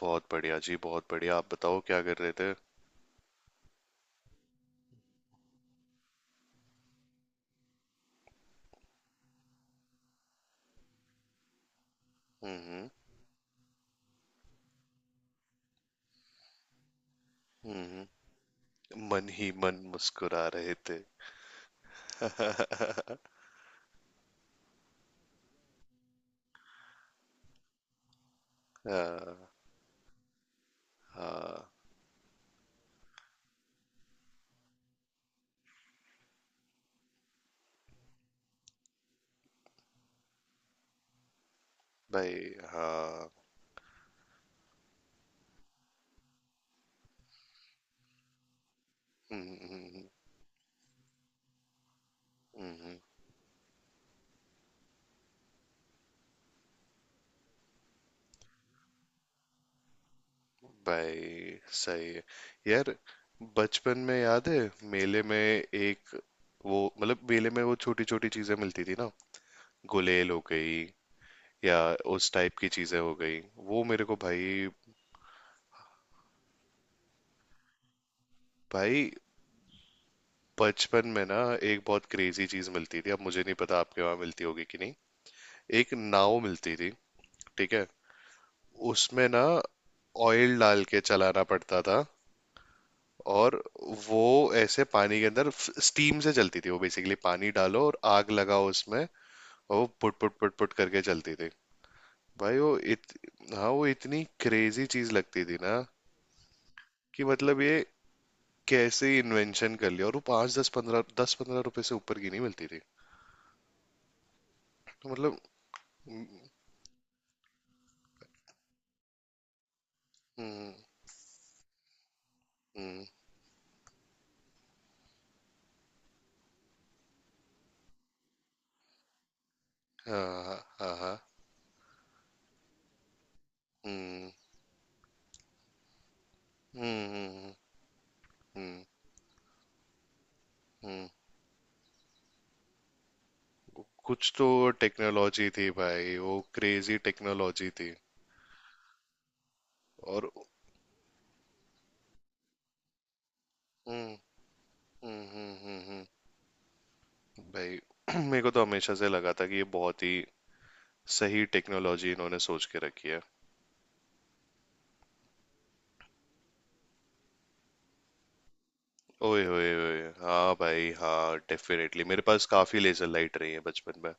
बहुत बढ़िया जी, बहुत बढ़िया। आप बताओ, क्या कर रहे थे? हम्म। हम्म। मन ही मन मुस्कुरा रहे थे। हाँ। हाँ भाई, हाँ। हम्म। हम्म। हम्म। भाई सही है। यार, बचपन में याद है मेले में एक, वो मतलब मेले में वो छोटी छोटी चीजें मिलती थी ना, गुलेल हो गई या उस टाइप की चीजें हो गई, वो मेरे को भाई। भाई बचपन में ना, एक बहुत क्रेजी चीज मिलती थी। अब मुझे नहीं पता आपके वहां मिलती होगी कि नहीं। एक नाव मिलती थी, ठीक है? उसमें ना, ऑयल डाल के चलाना पड़ता था। और वो ऐसे पानी के अंदर स्टीम से चलती थी। वो बेसिकली पानी डालो और आग लगाओ उसमें। और वो पुट पुट पुट पुट करके चलती थी। भाई वो इत हाँ, वो इतनी क्रेजी चीज लगती थी ना कि मतलब ये कैसे इन्वेंशन कर लिया। और वो 5, दस पंद्रह रुपए से ऊपर की नहीं मिलती थी। तो मतलब। हम्म। हम्म। हम्म। हाँ। हाँ। हाँ। हाँ। हम्म। हम्म। हम्म। हम्म। हम्म। कुछ तो टेक्नोलॉजी थी भाई, वो क्रेजी टेक्नोलॉजी थी। और हम्म। हम्म। हम्म। हम्म। हम्म। भाई मेरे को तो हमेशा से लगा था कि ये बहुत ही सही टेक्नोलॉजी इन्होंने सोच के रखी है। ओए होए होए! हाँ भाई, हाँ, डेफिनेटली मेरे पास काफी लेजर लाइट रही है बचपन में।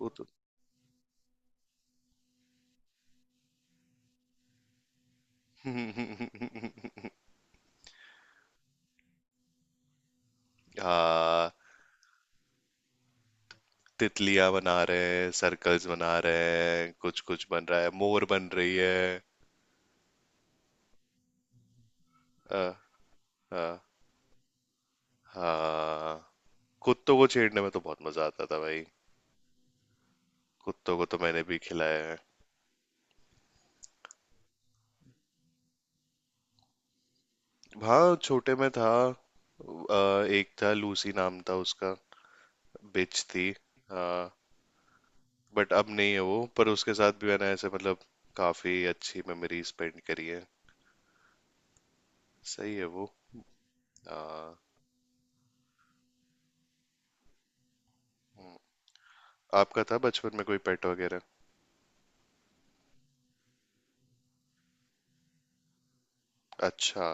वो तो हाँ। तितलियां बना रहे हैं, सर्कल्स बना रहे हैं, कुछ कुछ बन रहा है, मोर बन रही है। हाँ। हाँ। हाँ। कुत्तों को छेड़ने में तो बहुत मजा आता था भाई। कुत्तों को तो मैंने भी खिलाया है। हाँ, छोटे में था। एक था, लूसी नाम था उसका। बिच थी। हाँ। बट अब नहीं है वो, पर उसके साथ भी मैंने ऐसे मतलब काफी अच्छी मेमोरी स्पेंड करी है। सही है वो। हाँ। हम्म। आपका था बचपन में कोई पेट वगैरह? अच्छा।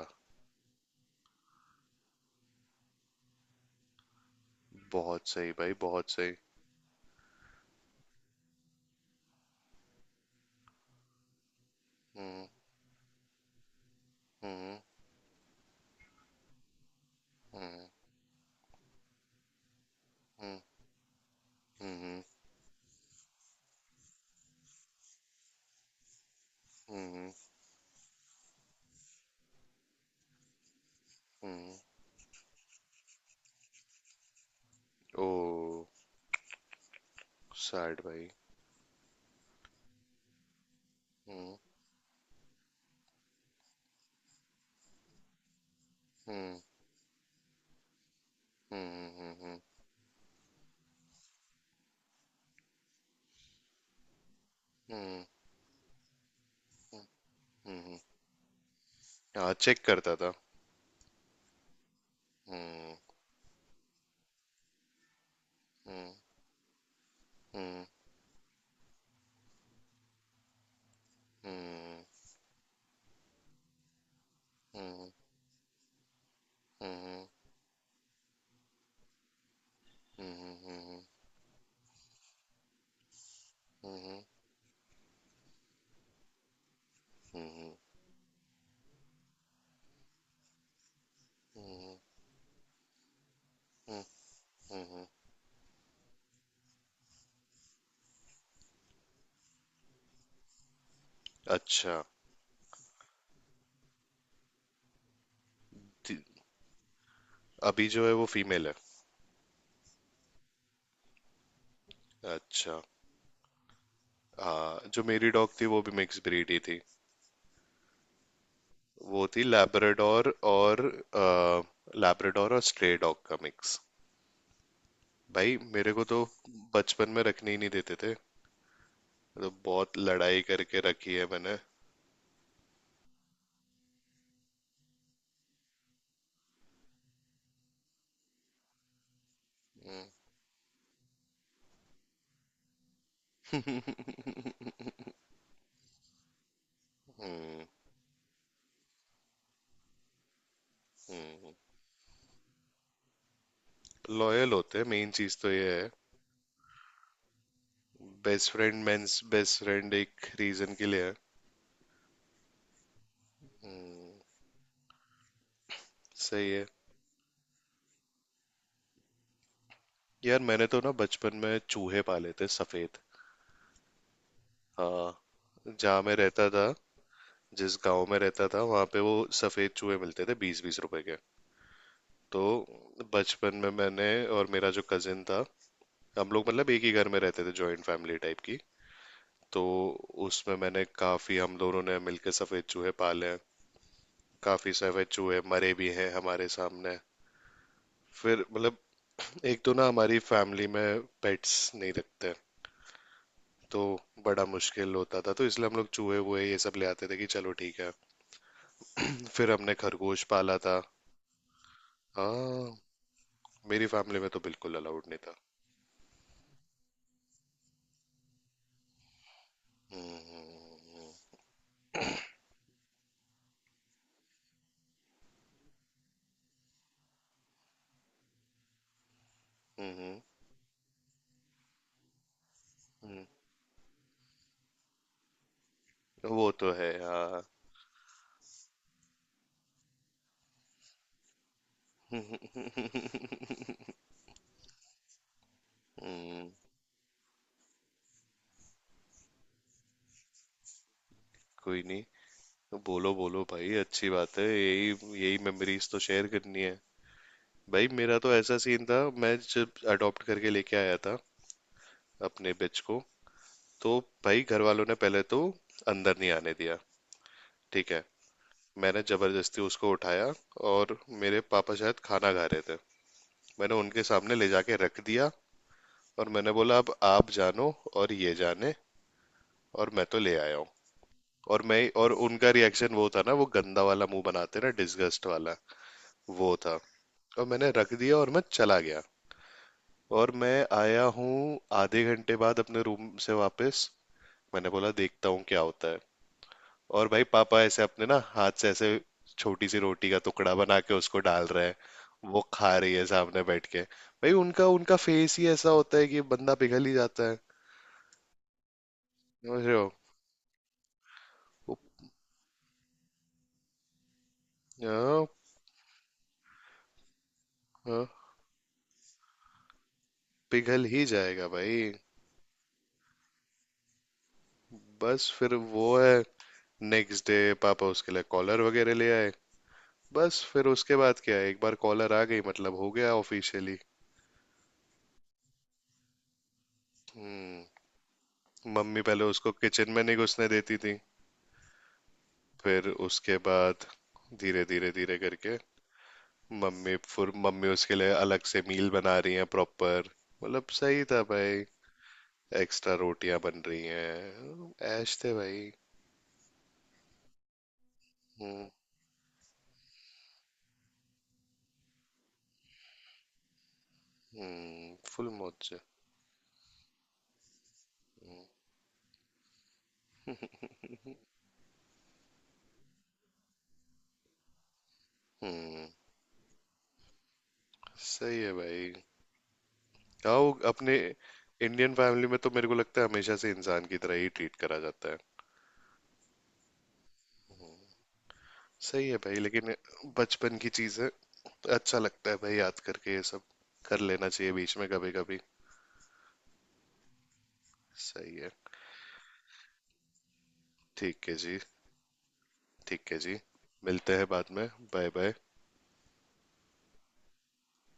बहुत सही भाई, बहुत सही। हम्म। हम्म। हम्म। हम्म। हम्म। हम्म। हम्म। हम्म। ओ, सैड भाई। हम्म। हम्म। हम्म। हम्म। हम्म। हम्म। हम्म। हाँ, चेक करता था। हम्म। हम्म। हम्म। हम्म। हम्म। हम्म। हम्म। हम्म। हम्म। हम्म। हम्म। हम्म। हम्म। अच्छा। ती- अभी जो है वो फीमेल है? अच्छा। हाँ, जो मेरी डॉग थी वो भी मिक्स ब्रीड ही थी। वो थी लैब्राडोर और स्ट्रे डॉग का मिक्स। भाई मेरे को तो बचपन में रखने ही नहीं देते थे। तो बहुत लड़ाई करके रखी है मैंने। हम्म। लॉयल होते हैं, मेन चीज तो ये है। Best friend, men's best friend एक रीजन के लिए है। सही है। यार, मैंने तो ना बचपन में चूहे पाले थे, सफेद। हाँ। जहाँ मैं रहता था जिस गांव में रहता था वहां पे वो सफेद चूहे मिलते थे 20-20 रुपए के। तो बचपन में मैंने, और मेरा जो कजिन था, हम लोग मतलब एक ही घर में रहते थे, जॉइंट फैमिली टाइप की। तो उसमें मैंने काफी हम दोनों ने मिलके सफेद चूहे पाले हैं। काफी सफेद चूहे मरे भी हैं हमारे सामने। फिर मतलब, एक तो ना हमारी फैमिली में पेट्स नहीं रखते। तो बड़ा मुश्किल होता था, तो इसलिए हम लोग चूहे वूहे ये सब ले आते थे कि चलो ठीक है। फिर हमने खरगोश पाला था। हाँ, मेरी फैमिली में तो बिल्कुल अलाउड नहीं था। हम्म। हम्म। हम्म। हम्म। हम्म। वो तो है, हाँ। हम्म। कोई नहीं। बोलो बोलो भाई, अच्छी बात है यही। यही मेमोरीज तो शेयर करनी है। भाई मेरा तो ऐसा सीन था। मैं जब अडॉप्ट करके लेके आया था अपने बिच को, तो भाई घर वालों ने पहले तो अंदर नहीं आने दिया, ठीक है। मैंने जबरदस्ती उसको उठाया और मेरे पापा शायद खाना खा रहे थे। मैंने उनके सामने ले जाके रख दिया और मैंने बोला अब आप जानो और ये जाने, और मैं तो ले आया हूँ। और उनका रिएक्शन वो था ना, वो गंदा वाला मुंह बनाते ना, डिसगस्ट वाला, वो था। और मैंने रख दिया और मैं चला गया। और मैं आया हूँ आधे घंटे बाद अपने रूम से वापस। मैंने बोला देखता हूँ क्या होता है। और भाई पापा ऐसे अपने ना हाथ से ऐसे छोटी सी रोटी का टुकड़ा बना के उसको डाल रहे हैं। वो खा रही है सामने बैठ के। भाई उनका उनका फेस ही ऐसा होता है कि बंदा पिघल ही जाता है। समझ रहे हो? वो- हाँ। हाँ। पिघल ही जाएगा भाई। बस फिर वो है, नेक्स्ट डे पापा उसके लिए कॉलर वगैरह ले आए। बस फिर उसके बाद क्या है, एक बार कॉलर आ गई मतलब हो गया ऑफिशियली। हम्म। मम्मी पहले उसको किचन में नहीं घुसने देती थी। फिर उसके बाद धीरे धीरे धीरे करके मम्मी उसके लिए अलग से मील बना रही हैं प्रॉपर। मतलब सही था भाई, एक्स्ट्रा रोटियां बन रही हैं। ऐश थे भाई। हम्म। हम्म। फुल मौज से। हम्म। सही है भाई। हाँ, वो अपने इंडियन फैमिली में तो मेरे को लगता है हमेशा से इंसान की तरह ही ट्रीट करा जाता है। सही है भाई, लेकिन बचपन की चीजें तो अच्छा लगता है भाई याद करके ये सब। कर लेना चाहिए बीच में कभी कभी। सही है। ठीक है जी। ठीक है जी। मिलते हैं बाद में। Bye bye.